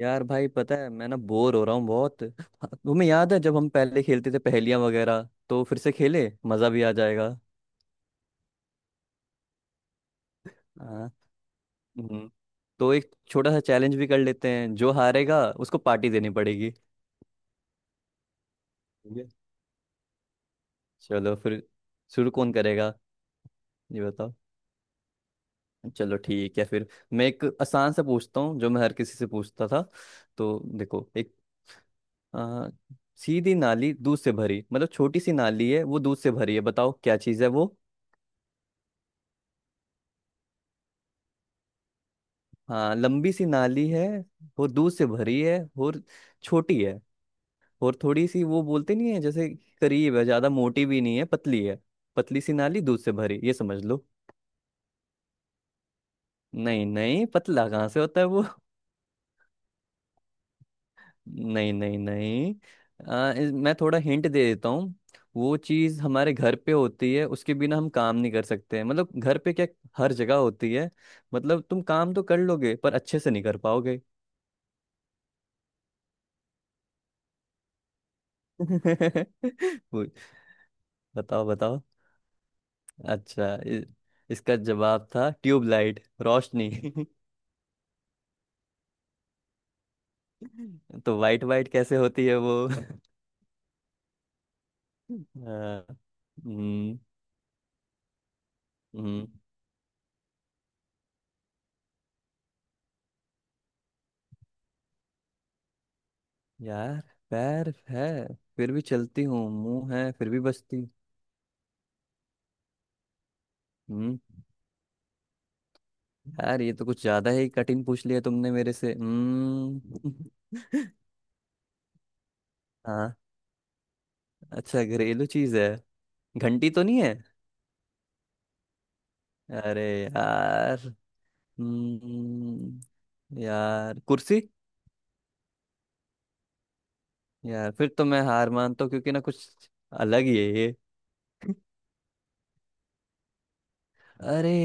यार भाई पता है मैं ना बोर हो रहा हूँ बहुत। तुम्हें याद है जब हम पहले खेलते थे पहेलियां वगैरह? तो फिर से खेले, मजा भी आ जाएगा। हाँ। हम्म। तो एक छोटा सा चैलेंज भी कर लेते हैं, जो हारेगा उसको पार्टी देनी पड़ेगी। ठीक है, चलो फिर। शुरू कौन करेगा ये बताओ। चलो ठीक है फिर। मैं एक आसान से पूछता हूँ जो मैं हर किसी से पूछता था। तो देखो, एक आ, सीधी नाली दूध से भरी, मतलब छोटी सी नाली है वो दूध से भरी है, बताओ क्या चीज़ है वो। हाँ, लंबी सी नाली है और दूध से भरी है, और छोटी है, और थोड़ी सी वो बोलते नहीं है जैसे करीब है, ज्यादा मोटी भी नहीं है, पतली है। पतली सी नाली दूध से भरी, ये समझ लो। नहीं नहीं, पतला कहाँ से होता है वो? नहीं नहीं नहीं। मैं थोड़ा हिंट दे देता हूँ। वो चीज़ हमारे घर पे होती है, उसके बिना हम काम नहीं कर सकते, मतलब घर पे क्या, हर जगह होती है। मतलब तुम काम तो कर लोगे पर अच्छे से नहीं कर पाओगे। वो- बताओ बताओ। अच्छा, इसका जवाब था ट्यूबलाइट, रोशनी। तो वाइट वाइट कैसे होती है वो? हाँ। हम्म हम्म। यार पैर है फिर भी चलती हूँ, मुंह है फिर भी बचती हूँ। हम्म। यार ये तो कुछ ज्यादा ही कठिन पूछ लिया तुमने मेरे से। हम्म। हाँ। अच्छा, घरेलू चीज है। घंटी तो नहीं है? अरे यार। हम्म। यार कुर्सी? यार फिर तो मैं हार मानता हूँ, क्योंकि ना कुछ अलग ही है ये। अरे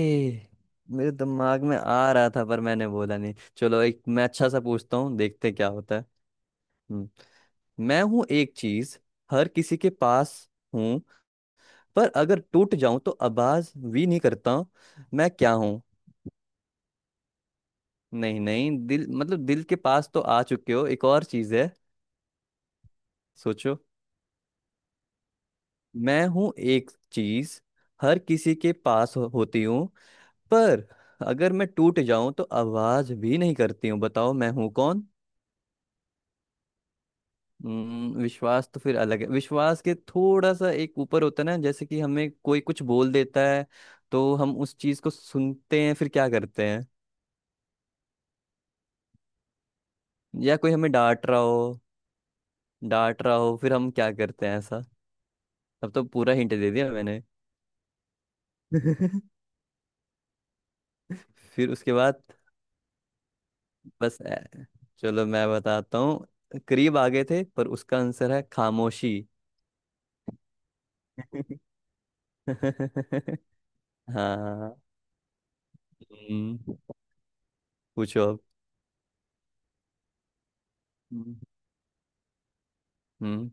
मेरे दिमाग में आ रहा था, पर मैंने बोला नहीं। चलो एक मैं अच्छा सा पूछता हूँ, देखते क्या होता है। हम्म। मैं हूँ एक चीज, हर किसी के पास हूँ, पर अगर टूट जाऊं तो आवाज भी नहीं करता हूँ, मैं क्या हूँ? नहीं नहीं, दिल मतलब दिल के पास तो आ चुके हो, एक और चीज है। सोचो। मैं हूँ एक चीज, हर किसी के पास हो, होती हूँ, पर अगर मैं टूट जाऊं तो आवाज भी नहीं करती हूँ, बताओ मैं हूं कौन? विश्वास तो फिर अलग है। विश्वास के थोड़ा सा एक ऊपर होता है ना, जैसे कि हमें कोई कुछ बोल देता है तो हम उस चीज को सुनते हैं, फिर क्या करते हैं? या कोई हमें डांट रहा हो, डांट रहा हो, फिर हम क्या करते हैं ऐसा? अब तो पूरा हिंट दे दिया मैंने। फिर उसके बाद बस चलो मैं बताता हूँ। करीब आ गए थे, पर उसका आंसर है खामोशी। हाँ। हम्म। पूछो अब। हम्म हम्म।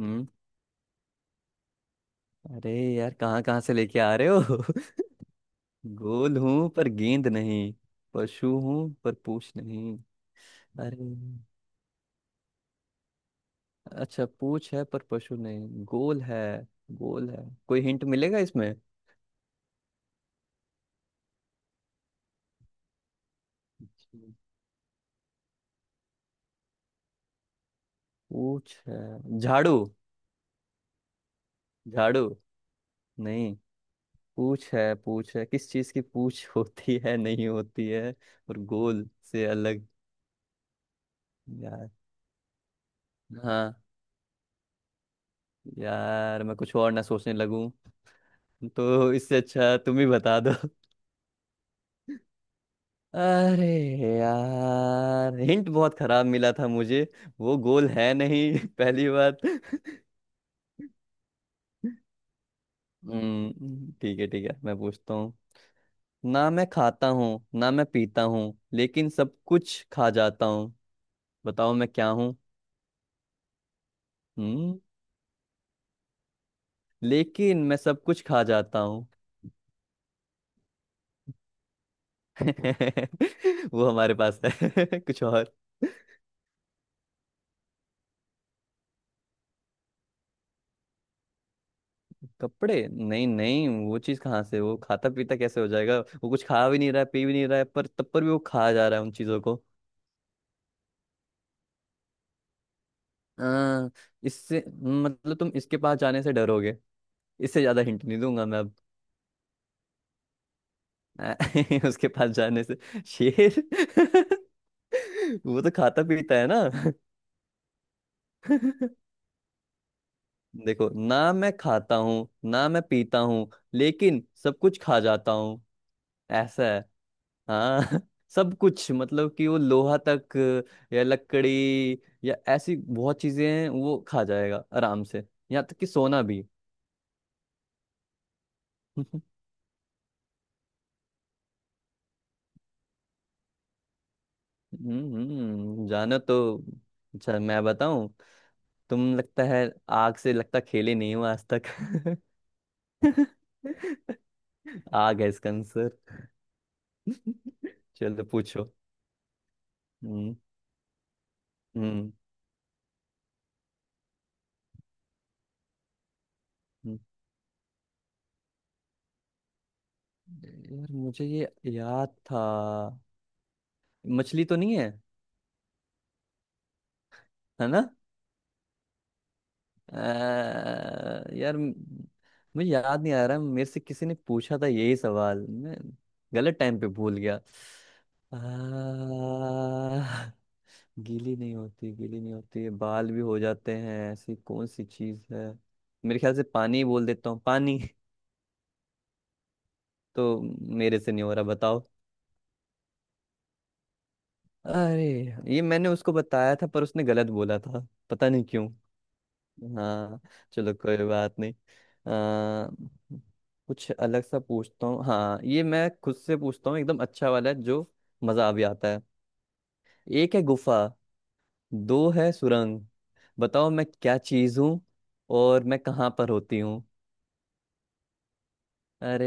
हम्म। अरे यार कहाँ कहाँ से लेके आ रहे हो? गोल हूँ पर गेंद नहीं, पशु हूँ पर पूछ नहीं। अरे अच्छा, पूछ है पर पशु नहीं, गोल है। गोल है। कोई हिंट मिलेगा इसमें? अच्छा, पूछ है, झाड़ू? झाड़ू नहीं? पूछ है, पूछ है किस चीज की? पूछ होती है, नहीं होती है, और गोल से अलग। यार। हाँ। यार मैं कुछ और ना सोचने लगूं, तो इससे अच्छा तुम ही बता दो। अरे यार, हिंट बहुत खराब मिला था मुझे। वो गोल है नहीं पहली बात। ठीक है ठीक है, मैं पूछता हूँ। ना मैं खाता हूँ, ना मैं पीता हूँ, लेकिन सब कुछ खा जाता हूँ, बताओ मैं क्या हूँ? हम्म, लेकिन मैं सब कुछ खा जाता हूँ। वो हमारे पास है कुछ और? कपड़े नहीं नहीं, वो चीज कहाँ से, वो खाता पीता कैसे हो जाएगा, वो कुछ खा भी नहीं रहा है, पी भी नहीं रहा है, पर तब पर भी वो खा जा रहा है उन चीजों को। आ, इससे मतलब तुम इसके पास जाने से डरोगे। इससे ज्यादा हिंट नहीं दूंगा मैं अब। उसके पास जाने से शेर? वो तो खाता पीता है ना? देखो, ना मैं खाता हूँ ना मैं पीता हूँ, लेकिन सब कुछ खा जाता हूँ, ऐसा। हाँ। सब कुछ मतलब कि वो लोहा तक, या लकड़ी, या ऐसी बहुत चीजें हैं वो खा जाएगा आराम से, यहाँ तक कि सोना भी। हम्म, जानो तो। अच्छा मैं बताऊं? तुम लगता है आग से लगता खेले नहीं हो आज तक। आग है इसका आंसर। चलो पूछो। हम्म हम्म। हम्म। यार मुझे ये याद था। मछली तो नहीं है? है ना? अह, यार म- मुझे याद नहीं आ रहा, मेरे से किसी ने पूछा था यही सवाल, मैं गलत टाइम पे भूल गया। अह, गीली नहीं होती, गीली नहीं होती, बाल भी हो जाते हैं, ऐसी कौन सी चीज है? मेरे ख्याल से पानी ही बोल देता हूँ, पानी। तो मेरे से नहीं हो रहा, बताओ। अरे ये मैंने उसको बताया था, पर उसने गलत बोला था, पता नहीं क्यों। हाँ, चलो कोई बात नहीं। कुछ अलग सा पूछता हूँ। हाँ ये मैं खुद से पूछता हूँ, एकदम अच्छा वाला है, जो मजा भी आता है। एक है गुफा, दो है सुरंग, बताओ मैं क्या चीज हूँ और मैं कहाँ पर होती हूँ? अरे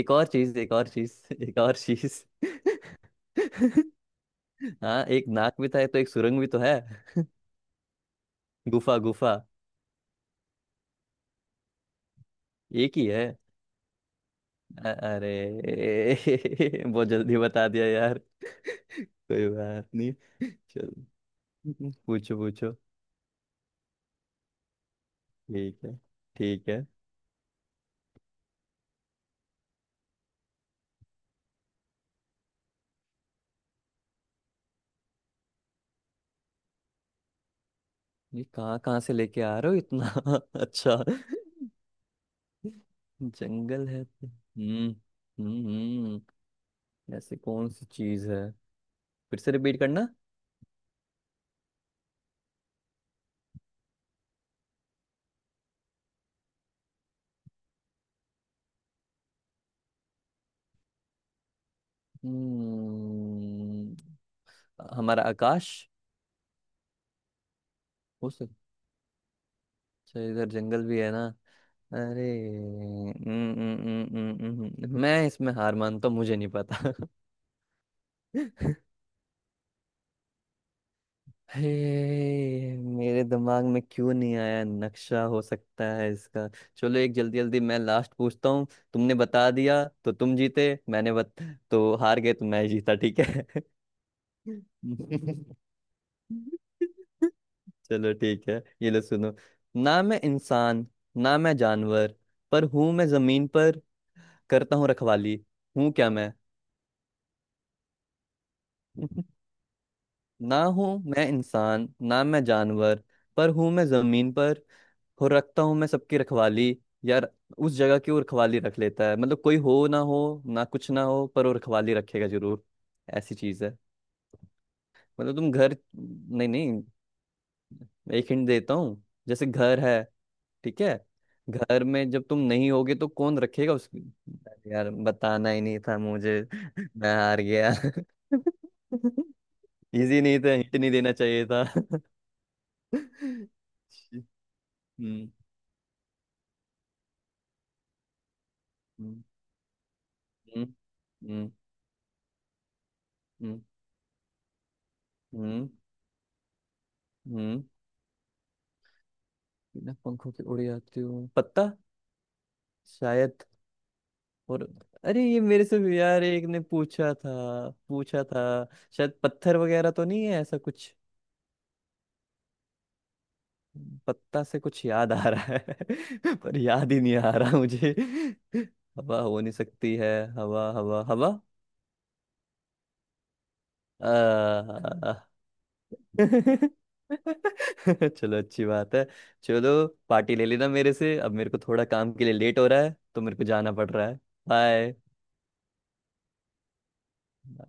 एक और चीज, एक और चीज, एक और चीज। हाँ एक नाक भी था तो, एक सुरंग भी तो है। गुफा गुफा एक ही है। अरे बहुत जल्दी बता दिया यार, कोई बात नहीं। चलो पूछो पूछो। ठीक है ठीक है। ये कहाँ कहाँ से लेके आ रहे हो इतना? अच्छा। हम्म। हम्म हम्म, ऐसी कौन सी चीज है, फिर से रिपीट करना। हम्म। हमारा आकाश? हो सकता। अच्छा इधर जंगल भी है ना? अरे मैं इसमें हार मानता हूँ, मुझे नहीं पता। हे मेरे दिमाग में क्यों नहीं आया, नक्शा हो सकता है इसका। चलो एक जल्दी जल्दी मैं लास्ट पूछता हूँ। तुमने बता दिया तो तुम जीते, तो हार गए तो मैं जीता, ठीक है? चलो ठीक है, ये लो सुनो। ना मैं इंसान, ना मैं जानवर, पर हूँ मैं जमीन पर, करता हूँ रखवाली, हूँ क्या मैं? ना हूँ मैं इंसान, ना मैं जानवर, पर हूँ मैं जमीन पर, और रखता हूँ मैं सबकी रखवाली। यार, उस जगह की वो रखवाली रख लेता है, मतलब कोई हो ना हो, ना कुछ ना हो, पर वो रखवाली रखेगा जरूर, ऐसी चीज है। मतलब तुम घर, नहीं नहीं, एक हिंट देता हूँ, जैसे घर है। ठीक है, घर में जब तुम नहीं होगे तो कौन रखेगा उसकी? अरे यार बताना ही नहीं था मुझे। मैं हार गया। इजी नहीं था, हिंट नहीं देना चाहिए था। हम्म हम्म हम्म हम्म हम्म हम्म, हम्म। बिना पंखों के उड़ जाती हूँ, पत्ता? शायद। और? अरे ये मेरे से भी यार एक ने पूछा था, पूछा था। शायद पत्थर वगैरह तो नहीं है ऐसा कुछ? पत्ता से कुछ याद आ रहा है पर याद ही नहीं आ रहा मुझे। हवा हो नहीं सकती है? हवा हवा हवा। आ... चलो अच्छी बात है। चलो पार्टी ले लेना मेरे से। अब मेरे को थोड़ा काम के लिए लेट हो रहा है, तो मेरे को जाना पड़ रहा है। बाय।